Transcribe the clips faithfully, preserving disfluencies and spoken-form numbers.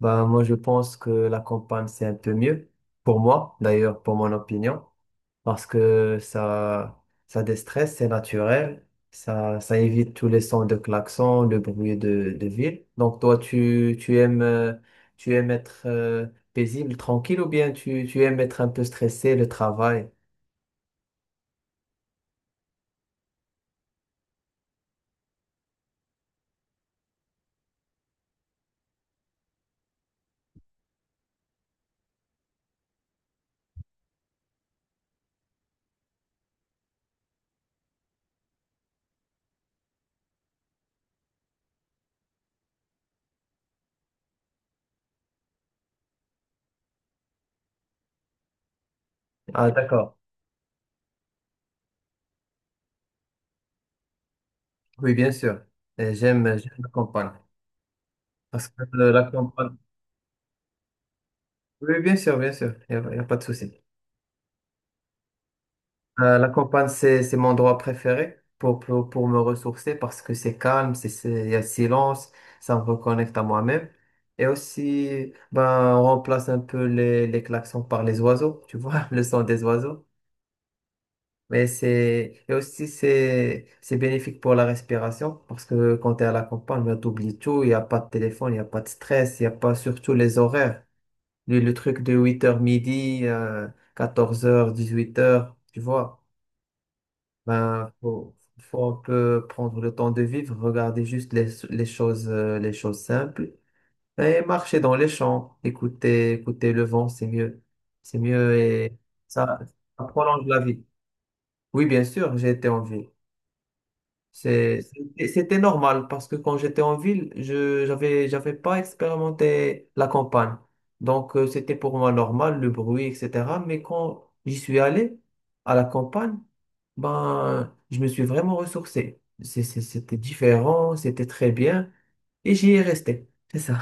Bah, moi, je pense que la campagne, c'est un peu mieux pour moi, d'ailleurs, pour mon opinion, parce que ça, ça déstresse, c'est naturel, ça, ça évite tous les sons de klaxon, le bruit de, de ville. Donc, toi, tu, tu aimes, euh, tu aimes être euh, paisible, tranquille, ou bien tu, tu aimes être un peu stressé, le travail? Ah, d'accord. Oui, bien sûr. Et J'aime, j'aime la campagne. Parce que euh, la campagne. Oui, bien sûr, bien sûr. Il n'y a, y a pas de souci. Euh, la campagne, c'est, c'est mon endroit préféré pour, pour, pour me ressourcer parce que c'est calme, c'est, c'est- il y a le silence, ça me reconnecte à moi-même. Et aussi, ben, on remplace un peu les, les klaxons par les oiseaux, tu vois, le son des oiseaux. Mais c'est, et aussi, c'est, c'est bénéfique pour la respiration parce que quand tu es à la campagne, ben, t'oublies tout, il n'y a pas de téléphone, il n'y a pas de stress, il n'y a pas surtout les horaires. Le, le truc de huit heures midi, euh, quatorze heures dix-huit heures tu vois. Ben, faut, faut un peu prendre le temps de vivre, regarder juste les, les choses, euh, les choses simples et marcher dans les champs, écouter, écouter le vent, c'est mieux. C'est mieux et ça, ça prolonge la vie. Oui, bien sûr, j'ai été en ville. C'est- C'était c'était normal parce que quand j'étais en ville, je j'avais j'avais pas expérimenté la campagne. Donc euh, c'était pour moi normal, le bruit, et cætera. Mais quand j'y suis allé à la campagne, ben je me suis vraiment ressourcé. C'est- c'est- C'était différent, c'était très bien et j'y ai resté. C'est ça.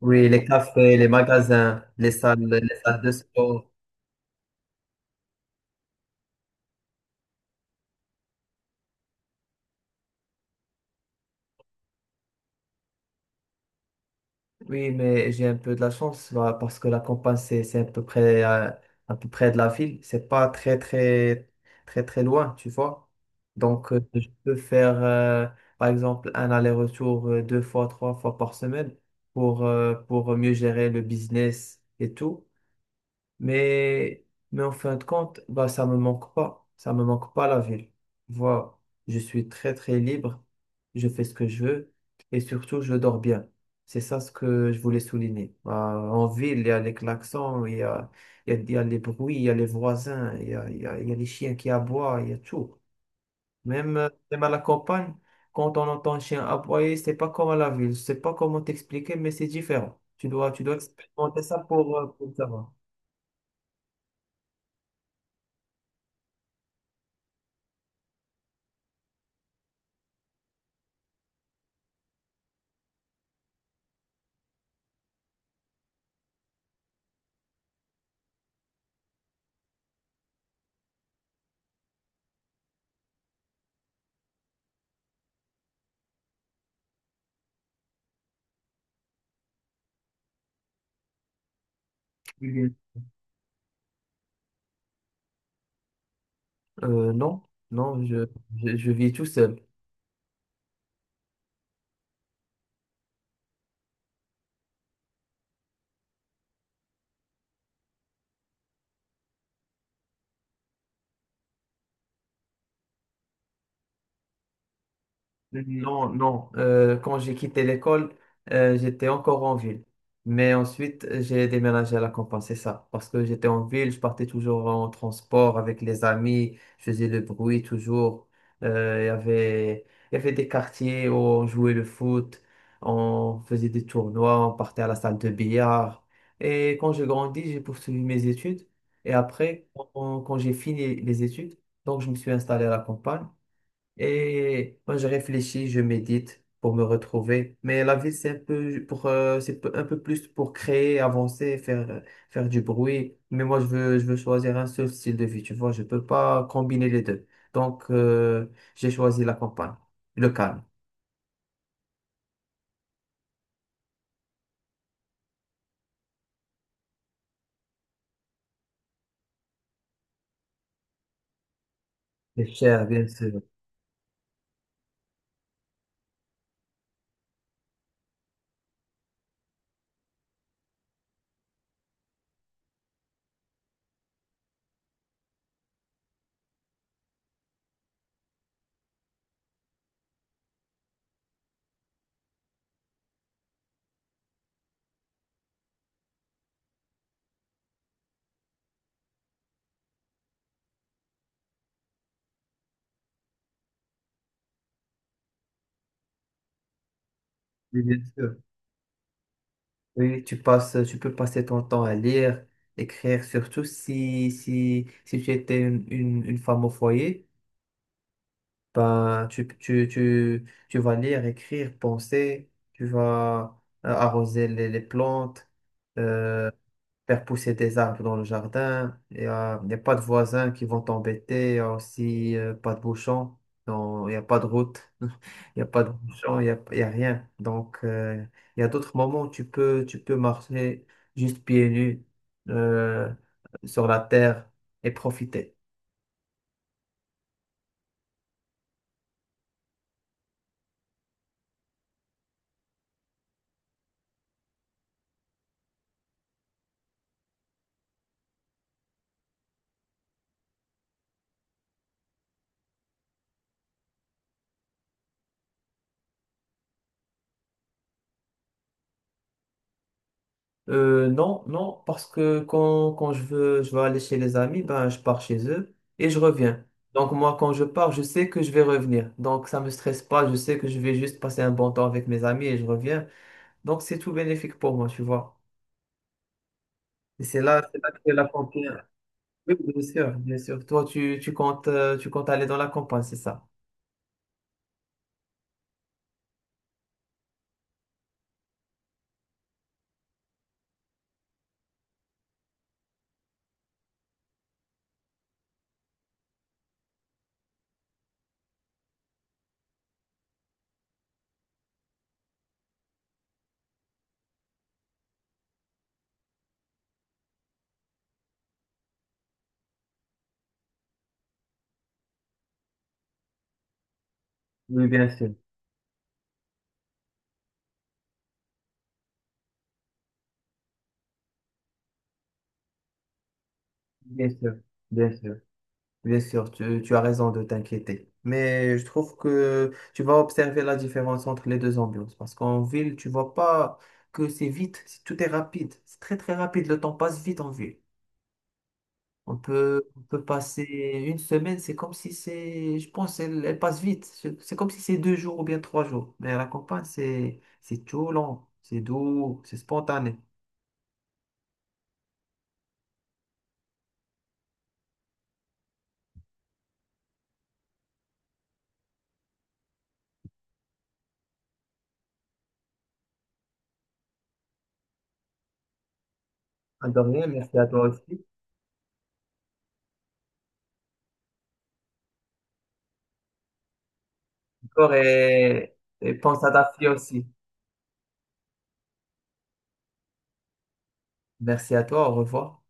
Oui, les cafés, les magasins, les salles, les salles de sport. Oui, mais j'ai un peu de la chance bah, parce que la campagne, c'est c'est à peu près, euh, à peu près de la ville. C'est pas très, très, très, très loin, tu vois. Donc, euh, je peux faire, euh, par exemple, un aller-retour euh, deux fois, trois fois par semaine pour, euh, pour mieux gérer le business et tout. Mais, mais en fin de compte, bah, ça me manque pas. Ça me manque pas la ville. Voilà. Je suis très, très libre. Je fais ce que je veux. Et surtout, je dors bien. C'est ça ce que je voulais souligner. Bah, en ville, il y a les klaxons, il y a, il y a, il y a les bruits, il y a les voisins, il y a, il y a, il y a les chiens qui aboient, il y a tout. Même, euh, même à la campagne, quand on entend un chien aboyer, c'est pas comme à la ville. Je sais pas comment t'expliquer, mais c'est différent. Tu dois, tu dois expérimenter ça pour, euh, pour savoir. Euh, non, non, je, je, je vis tout seul. Non, non. Euh, quand j'ai quitté l'école, euh, j'étais encore en ville. Mais ensuite, j'ai déménagé à la campagne, c'est ça. Parce que j'étais en ville, je partais toujours en transport avec les amis, je faisais le bruit toujours. Euh, il y avait, il y avait des quartiers où on jouait le foot, on faisait des tournois, on partait à la salle de billard. Et quand j'ai grandi, j'ai poursuivi mes études. Et après, quand quand j'ai fini les études, donc je me suis installé à la campagne. Et moi, je réfléchis, je médite pour me retrouver. Mais la vie, c'est un peu pour, euh, c'est peu- un peu plus pour créer, avancer, faire, euh, faire du bruit. Mais moi, je veux, je veux choisir un seul style de vie. Tu vois, je peux pas combiner les deux. Donc, euh, j'ai choisi la campagne, le calme. C'est cher, bien sûr. Oui, bien sûr. Oui, tu passes, tu peux passer ton temps à lire, écrire, surtout si, si, si tu étais une, une une femme au foyer. Ben, tu, tu, tu, tu vas lire, écrire, penser, tu vas euh, arroser les, les plantes, euh, faire pousser des arbres dans le jardin. Il n'y a, il y a pas de voisins qui vont t'embêter, il n'y a aussi euh, pas de bouchons. Non, il n'y a pas de route, il n'y a pas de bouchons, il n'y a, il y a rien. Donc, euh, il y a d'autres moments où tu peux, tu peux marcher juste pieds nus euh, sur la terre et profiter. Euh, non, non, parce que quand, quand je veux, je veux aller chez les amis, ben, je pars chez eux et je reviens. Donc moi, quand je pars, je sais que je vais revenir. Donc ça me stresse pas, je sais que je vais juste passer un bon temps avec mes amis et je reviens. Donc c'est tout bénéfique pour moi, tu vois. Et c'est là, c'est là que la frontière. Oui, bien sûr, bien sûr. Toi, tu, tu comptes, euh, tu comptes aller dans la campagne, c'est ça? Oui, bien sûr, bien sûr, bien sûr. Bien sûr, tu, tu as raison de t'inquiéter. Mais je trouve que tu vas observer la différence entre les deux ambiances. Parce qu'en ville, tu vois pas que c'est vite, c'est- tout est rapide. C'est très très rapide, le temps passe vite en ville. On peut, on peut passer une semaine, c'est comme si c'est, je pense, elle, elle passe vite. C'est c'est comme si c'est deux jours ou bien trois jours. Mais à la campagne, c'est, c'est tout lent, c'est doux, c'est spontané. De rien, merci à toi aussi. Encore Et, et pense à ta fille aussi. Merci à toi, au revoir.